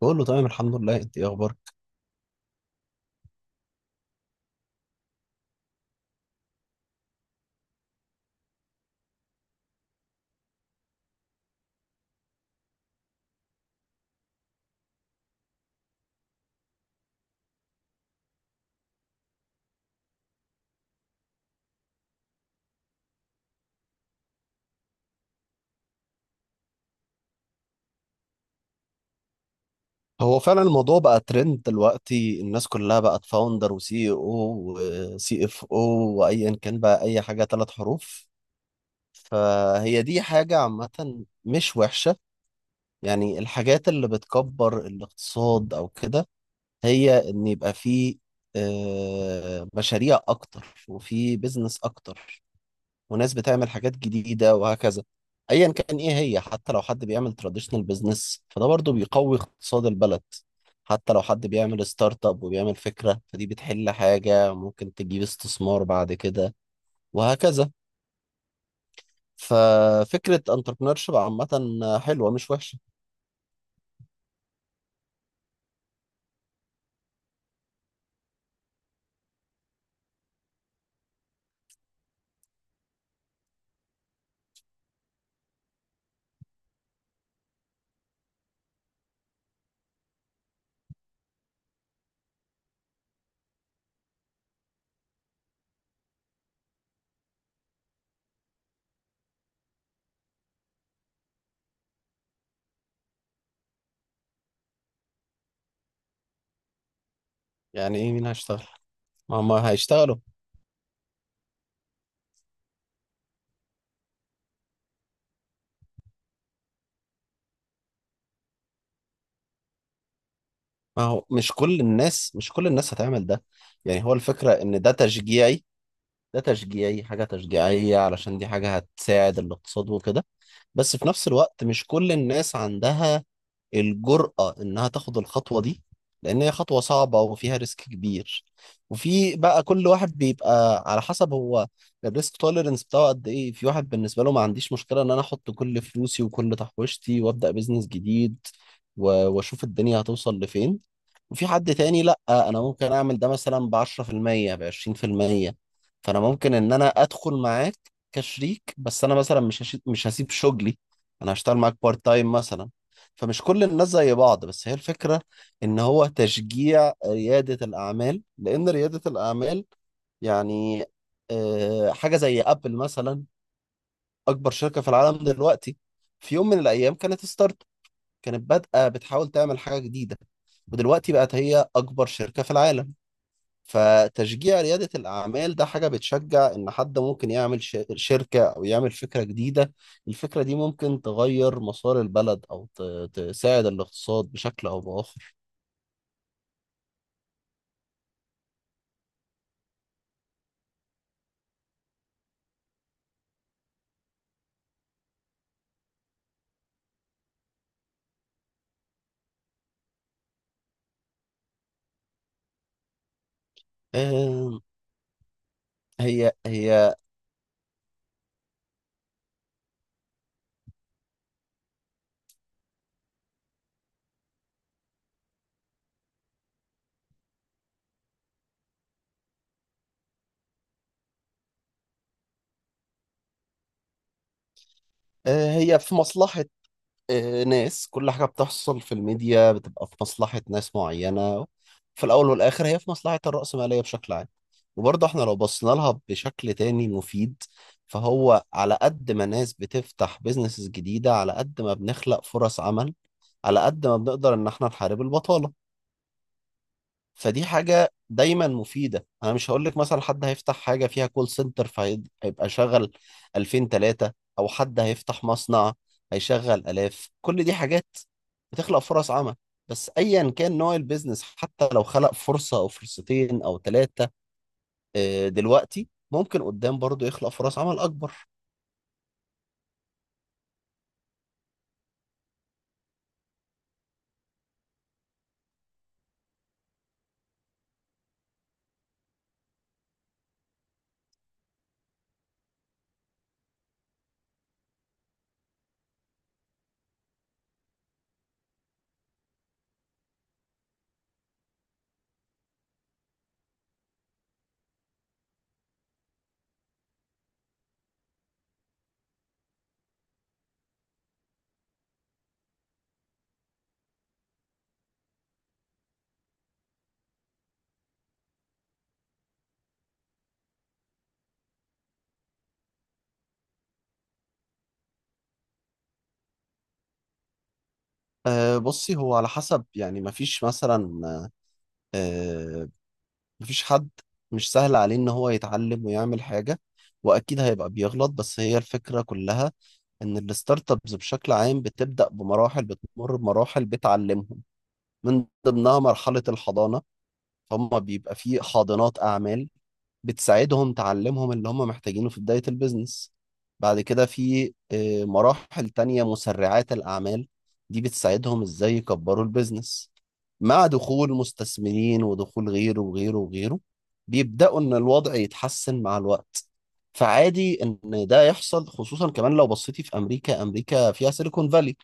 بقول له تمام، الحمد لله. انت ايه اخبارك؟ هو فعلا الموضوع بقى ترند دلوقتي، الناس كلها بقت فاوندر وسي او وسي اف او وايا كان بقى اي حاجه ثلاث حروف. فهي دي حاجه عامه مش وحشه. يعني الحاجات اللي بتكبر الاقتصاد او كده، هي ان يبقى فيه مشاريع اكتر وفي بيزنس اكتر. وناس بتعمل حاجات جديدة وهكذا. ايا كان ايه، هي حتى لو حد بيعمل تراديشنال بزنس فده برضو بيقوي اقتصاد البلد. حتى لو حد بيعمل ستارت اب وبيعمل فكرة فدي بتحل حاجة ممكن تجيب استثمار بعد كده وهكذا. ففكرة انتربرنورشيب عامة حلوة مش وحشة. يعني ايه مين هيشتغل؟ ما هم هيشتغلوا. ما هو مش كل الناس، مش كل الناس هتعمل ده. يعني هو الفكرة ان ده تشجيعي. ده تشجيعي، حاجة تشجيعية علشان دي حاجة هتساعد الاقتصاد وكده. بس في نفس الوقت مش كل الناس عندها الجرأة إنها تاخد الخطوة دي، لأن هي خطوة صعبة وفيها ريسك كبير. وفي بقى كل واحد بيبقى على حسب هو الريسك توليرنس بتاعه قد إيه. في واحد بالنسبة له ما عنديش مشكلة إن أنا أحط كل فلوسي وكل تحويشتي وأبدأ بيزنس جديد وأشوف الدنيا هتوصل لفين. وفي حد تاني لا، انا ممكن اعمل ده مثلا ب 10%، ب 20%. فانا ممكن ان انا ادخل معاك كشريك، بس انا مثلا مش هسيب شغلي. انا هشتغل معاك بارت تايم مثلا. فمش كل الناس زي بعض، بس هي الفكرة ان هو تشجيع ريادة الاعمال. لان ريادة الاعمال يعني حاجة زي ابل مثلا، اكبر شركة في العالم دلوقتي. في يوم من الايام كانت بادئة بتحاول تعمل حاجة جديدة، ودلوقتي بقت هي أكبر شركة في العالم. فتشجيع ريادة الأعمال ده حاجة بتشجع إن حد ممكن يعمل شركة أو يعمل فكرة جديدة. الفكرة دي ممكن تغير مسار البلد أو تساعد الاقتصاد بشكل أو بآخر. آه، هي هي هي في مصلحة ناس. كل حاجة بتحصل في الميديا بتبقى في مصلحة ناس معينة. في الأول والآخر هي في مصلحة الرأسمالية بشكل عام. وبرضه احنا لو بصينا لها بشكل تاني مفيد. فهو على قد ما ناس بتفتح بيزنسز جديدة، على قد ما بنخلق فرص عمل، على قد ما بنقدر إن احنا نحارب البطالة. فدي حاجة دايما مفيدة. انا مش هقول لك مثلا حد هيفتح حاجة فيها كول سنتر فهيبقى شغل 2000 3، او حد هيفتح مصنع هيشغل الاف. كل دي حاجات بتخلق فرص عمل. بس ايا كان نوع البيزنس، حتى لو خلق فرصة او فرصتين او ثلاثة، دلوقتي ممكن قدام برضو يخلق فرص عمل اكبر. بصي هو على حسب. يعني مفيش مثلا آه، مفيش حد مش سهل عليه ان هو يتعلم ويعمل حاجة، واكيد هيبقى بيغلط. بس هي الفكرة كلها ان الستارت ابس بشكل عام بتبدأ بمراحل، بتمر بمراحل بتعلمهم. من ضمنها مرحلة الحضانة. هم بيبقى فيه حاضنات اعمال بتساعدهم تعلمهم اللي هم محتاجينه في بداية البيزنس. بعد كده في مراحل تانية، مسرعات الأعمال. دي بتساعدهم إزاي يكبروا البيزنس مع دخول مستثمرين ودخول غيره وغيره وغيره. بيبدأوا إن الوضع يتحسن مع الوقت. فعادي إن ده يحصل، خصوصا كمان لو بصيتي في أمريكا. أمريكا فيها سيليكون فالي،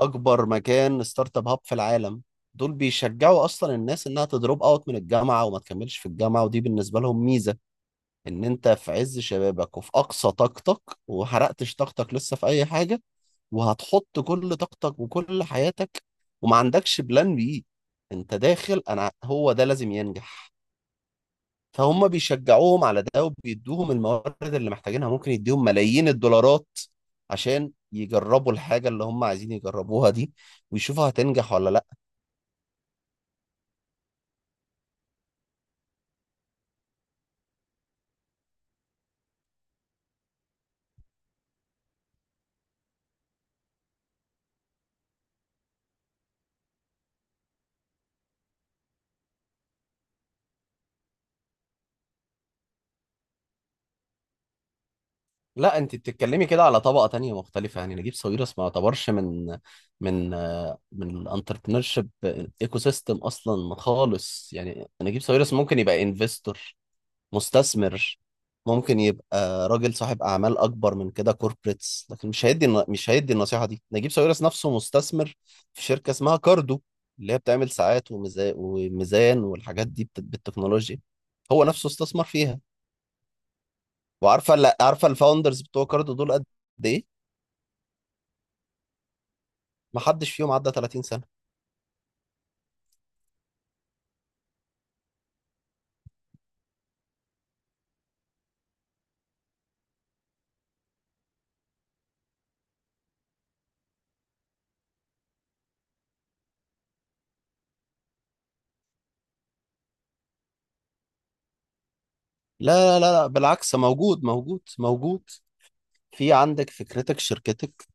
أكبر مكان ستارت أب هاب في العالم. دول بيشجعوا أصلا الناس إنها تدروب أوت من الجامعة وما تكملش في الجامعة، ودي بالنسبة لهم ميزة. ان انت في عز شبابك وفي اقصى طاقتك وحرقتش طاقتك لسه في اي حاجة، وهتحط كل طاقتك وكل حياتك، وما عندكش بلان بي. انت داخل، انا هو ده لازم ينجح. فهم بيشجعوهم على ده، وبيدوهم الموارد اللي محتاجينها. ممكن يديهم ملايين الدولارات عشان يجربوا الحاجة اللي هم عايزين يجربوها دي، ويشوفوا هتنجح ولا لا. لا، انت بتتكلمي كده على طبقه تانية مختلفه. يعني نجيب ساويرس ما يعتبرش من الانتربرنور شيب ايكو سيستم اصلا خالص. يعني نجيب ساويرس ممكن يبقى انفستور، مستثمر. ممكن يبقى راجل صاحب اعمال اكبر من كده، كوربريتس. لكن مش هيدي النصيحه دي. نجيب ساويرس نفسه مستثمر في شركه اسمها كاردو، اللي هي بتعمل ساعات وميزان والحاجات دي بالتكنولوجيا. هو نفسه استثمر فيها. وعارفه، لا، عارفه الفاوندرز بتوع كاردو دول قد ايه؟ ما حدش فيهم عدى 30 سنة. لا لا لا لا، بالعكس، موجود موجود موجود. في عندك فكرتك شركتك.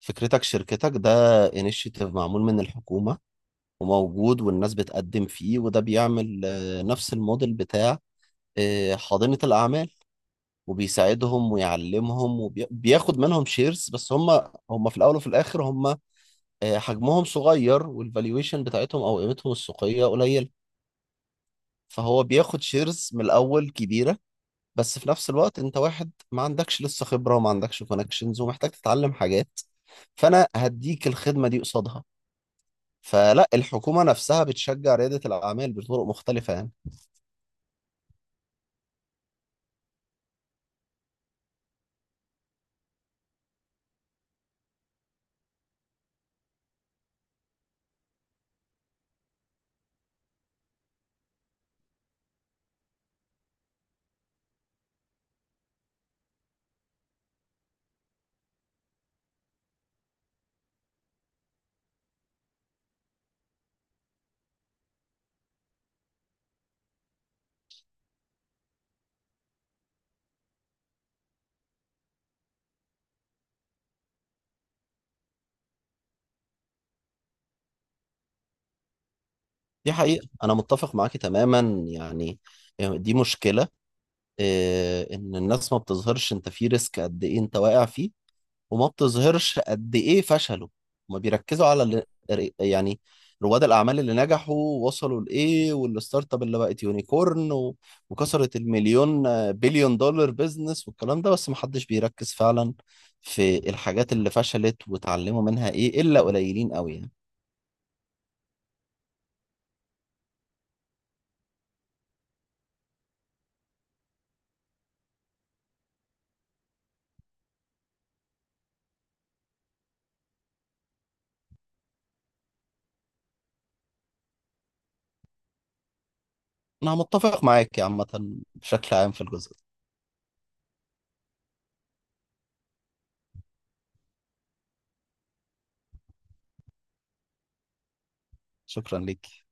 فكرتك شركتك ده انيشيتيف معمول من الحكومة وموجود والناس بتقدم فيه، وده بيعمل نفس الموديل بتاع حاضنة الأعمال. وبيساعدهم ويعلمهم وبياخد منهم شيرز. بس هم في الأول وفي الآخر هم حجمهم صغير، والفالويشن بتاعتهم أو قيمتهم السوقية قليل. فهو بياخد شيرز من الأول كبيرة، بس في نفس الوقت انت واحد ما عندكش لسه خبرة وما عندكش كونكشنز ومحتاج تتعلم حاجات. فانا هديك الخدمة دي قصادها. فلا، الحكومة نفسها بتشجع ريادة الأعمال بطرق مختلفة يعني. دي حقيقة أنا متفق معاكي تماما. يعني يعني دي مشكلة. إيه إن الناس ما بتظهرش أنت في ريسك قد إيه أنت واقع فيه، وما بتظهرش قد ايه فشلوا. ما بيركزوا على يعني رواد الاعمال اللي نجحوا وصلوا لايه، والستارت اب اللي بقت يونيكورن وكسرت المليون آه، بليون دولار بيزنس والكلام ده. بس ما حدش بيركز فعلا في الحاجات اللي فشلت وتعلموا منها ايه، الا قليلين قوي يعني. انا متفق معاك يا عامه، بشكل عام في الجزء ده. شكرا ليك.